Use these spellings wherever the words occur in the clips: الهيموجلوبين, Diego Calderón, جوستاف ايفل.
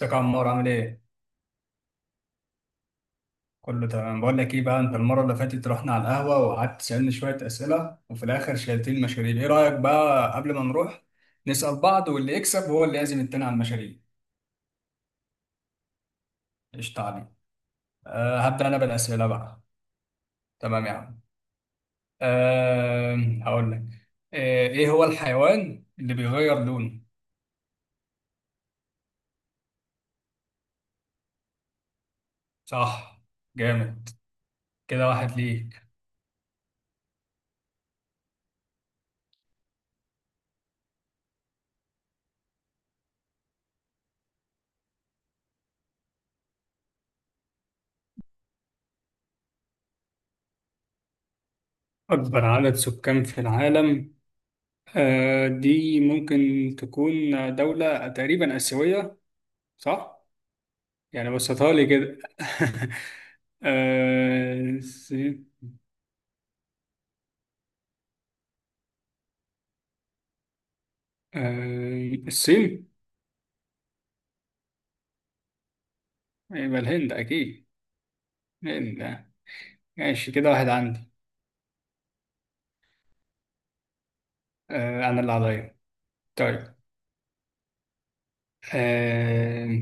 ازيك يا عمار، عامل ايه؟ كله تمام. بقول لك ايه بقى، انت المره اللي فاتت رحنا على القهوه، وقعدت تسالني شويه اسئله، وفي الاخر شلتين مشاريب. ايه رايك بقى قبل ما نروح نسال بعض، واللي يكسب هو اللي يعزم التاني على المشاريب؟ قشطه عليك. أه، هبدا انا بالاسئله بقى. تمام يا عم. أه. هقول لك. ايه هو الحيوان اللي بيغير لونه؟ صح. جامد. كده واحد ليك. أكبر عدد سكان في العالم. دي ممكن تكون دولة تقريبا آسيوية، صح؟ يعني بسطها لي كده. الصين. الصين. يبقى الهند أكيد. الهند آه. ماشي، كده واحد عندي. أنا اللي عليا. طيب. آه،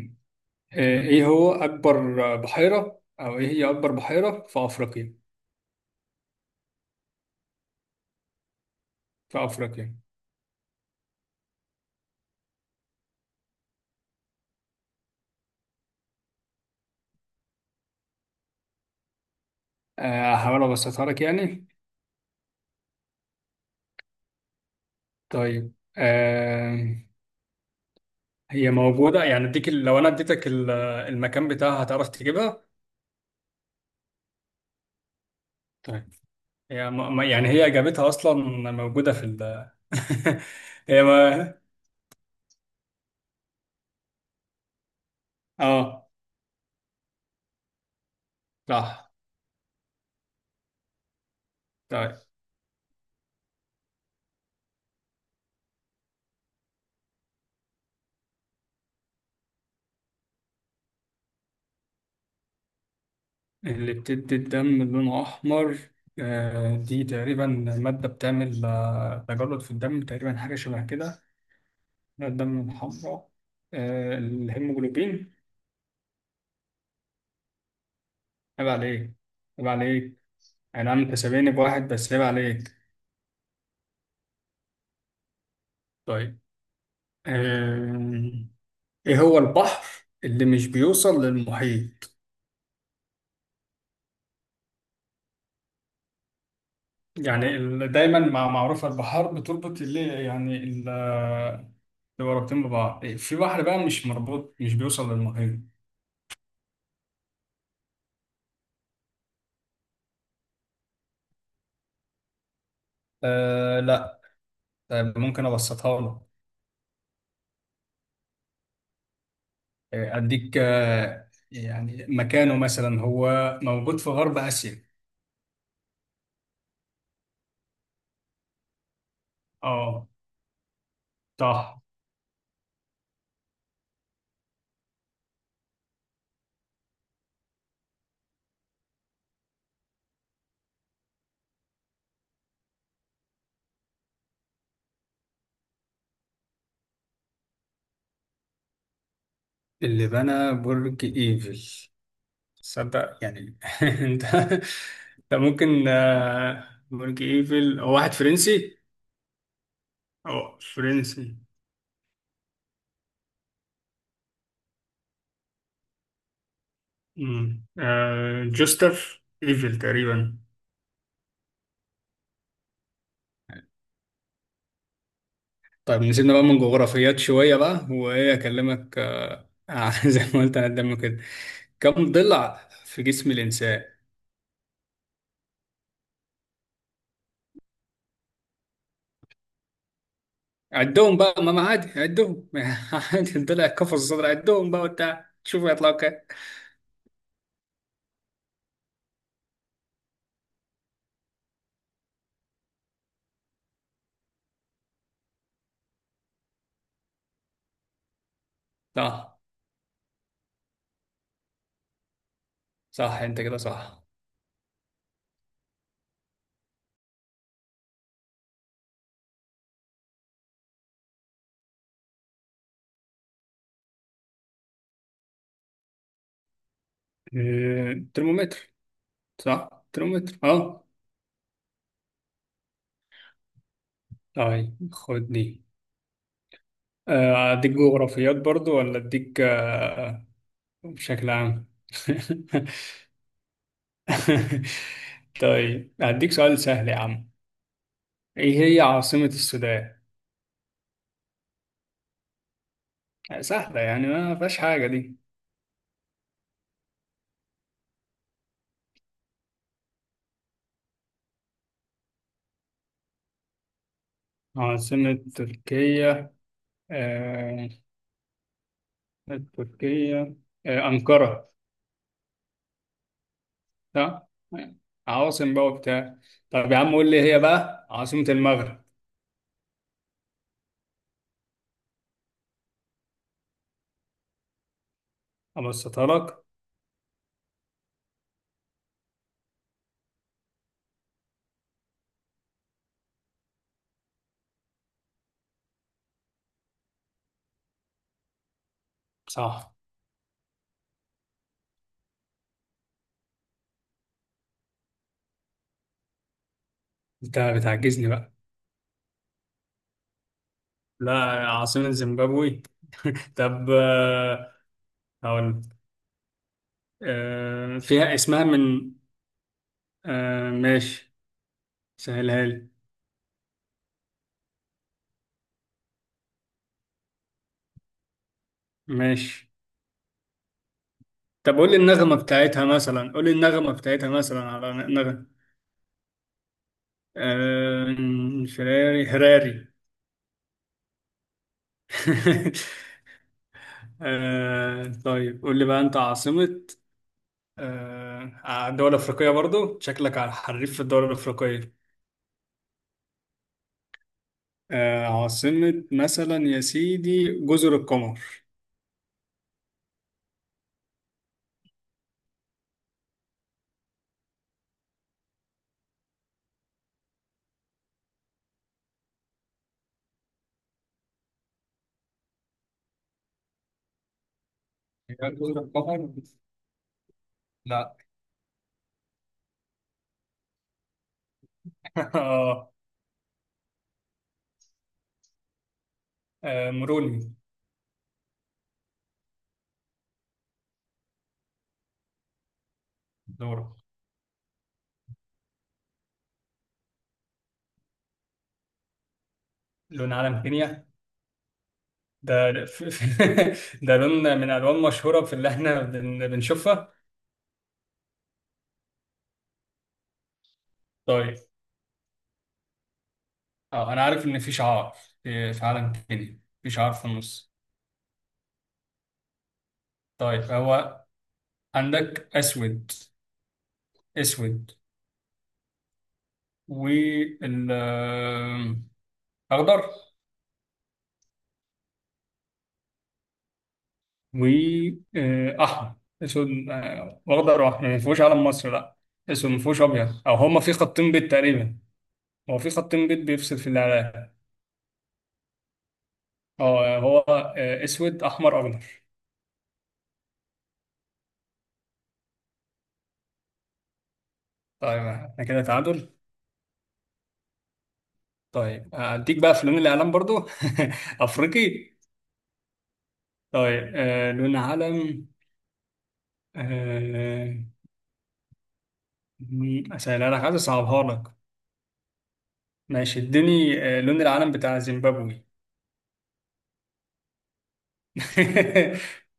إيه هو أكبر بحيرة، أو إيه هي أكبر بحيرة في أفريقيا؟ في أفريقيا. هحاول أبسطها لك يعني. طيب. هي موجودة، يعني لو أنا المكان بتاعها هتعرف تجيبها؟ طيب. هي يعني هي إجابتها أصلا موجودة في ال هي ما. آه. صح. طيب. اللي بتدي الدم لونه أحمر. دي تقريبا مادة بتعمل تجلط في الدم تقريبا، حاجة شبه كده. لون الدم الحمراء. الهيموجلوبين. عيب عليك! عيب عليك! أي نعم، أنت سابقني بواحد، بس عيب عليك. طيب. آه، إيه هو البحر اللي مش بيوصل للمحيط؟ يعني دايما معروفة البحار بتربط اللي، يعني ال-، اللي رابطين ببعض، في بحر بقى مش مربوط، مش بيوصل للمحيط. آه، لا. ممكن أبسطها لك. أديك، يعني مكانه مثلا هو موجود في غرب آسيا. اه، صح. اللي بنى برج إيفل. صدق يعني انت ده ممكن. برج إيفل هو واحد فرنسي. اه، فرنسي. جوستاف ايفل تقريبا. طيب نسيبنا بقى من جغرافيات شوية بقى، وإيه أكلمك، زي ما قلت أنا قدامك كده. كم ضلع في جسم الإنسان؟ عدهم بقى، ما ما عادي عدهم عادي، الضلع كفر الصدر، عدهم بقى وبتاع، شوف هيطلعوا كام. صح. صح، أنت كده صح. ترمومتر. صح، ترمومتر، أه. طيب، خد دي. أديك جغرافيات برضو، ولا أديك بشكل عام؟ طيب، هديك سؤال سهل يا عم. ايه هي عاصمة السودان؟ سهلة يعني، ما فيهاش حاجة دي. عاصمة تركيا. آه... تركيا. أنقرة. صح؟ عواصم بقى وبتاع. طب يا عم قول لي، هي بقى عاصمة المغرب؟ أبسطها لك. صح. انت بتعجزني بقى! لا. عاصمة زيمبابوي. طب. هقول فيها اسمها من... ماشي. سهلها لي. ماشي. طب قول لي النغمة بتاعتها مثلا، قول لي النغمة بتاعتها مثلا، على نغمة. فراري، هراري. طيب قول لي بقى انت عاصمة. الدول الأفريقية برضو، شكلك على حريف في الدول الأفريقية. عاصمة مثلا يا سيدي جزر القمر. يبقى جزر القمر. لا. اه. مروني. دورة. لون علم كينيا. ده ده لون من الوان مشهوره في اللي احنا بنشوفها. طيب. اه، انا عارف ان في شعار، في عالم تاني، في شعار في النص. طيب، هو عندك اسود. اسود. وال اخضر واحمر. اسود، واخضر واحمر، يعني ما فيهوش علم مصر، لا. اسود، ما فيهوش ابيض، او هما في خطين بيض تقريبا. هو في خطين بيض بيفصل في الاعلام. اه، هو اسود احمر اخضر. طيب، احنا كده تعادل. طيب، اديك بقى في لون الاعلام برضو. افريقي. طيب. لون علم، آه اسهلها لك، عايز اصعبها لك. ماشي، اديني. لون العلم بتاع زيمبابوي.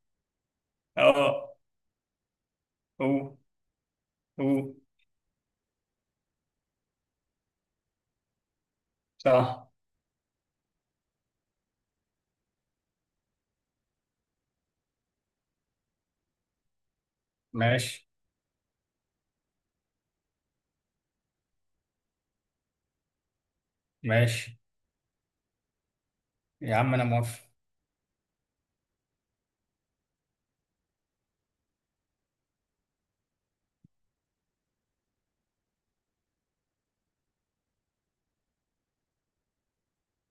اه. او. او. صح. ماشي. ماشي يا عم، انا موافق.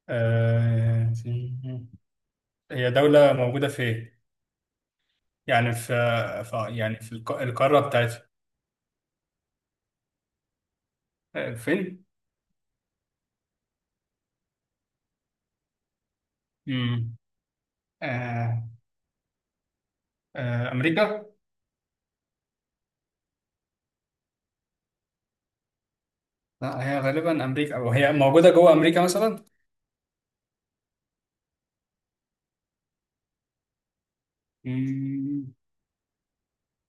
آه. هي دولة موجودة فين؟ يعني في، في يعني في القارة بتاعتها. فين؟ امم أمريكا؟ لا، هي غالبا أمريكا، أو هي موجودة جوه أمريكا مثلا؟ مم،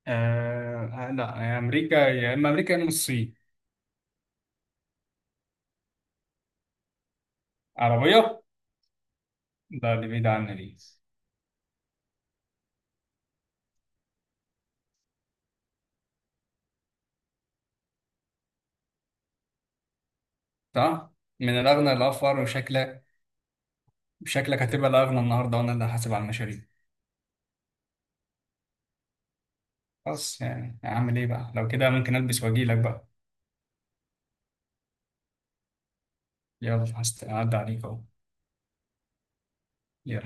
لا، هي أمريكا يا إما أمريكا يا إما الصين. عربية؟ لا، دي بعيدة عنا دي. صح؟ من الأغنى للأفقر، وشكلك شكلك هتبقى الأغنى النهاردة، وأنا اللي هحاسب على المشاريع. خلاص يعني، أعمل إيه بقى؟ لو كده ممكن ألبس وأجيلك بقى. يلا، هعدي عليك أهو. يلا.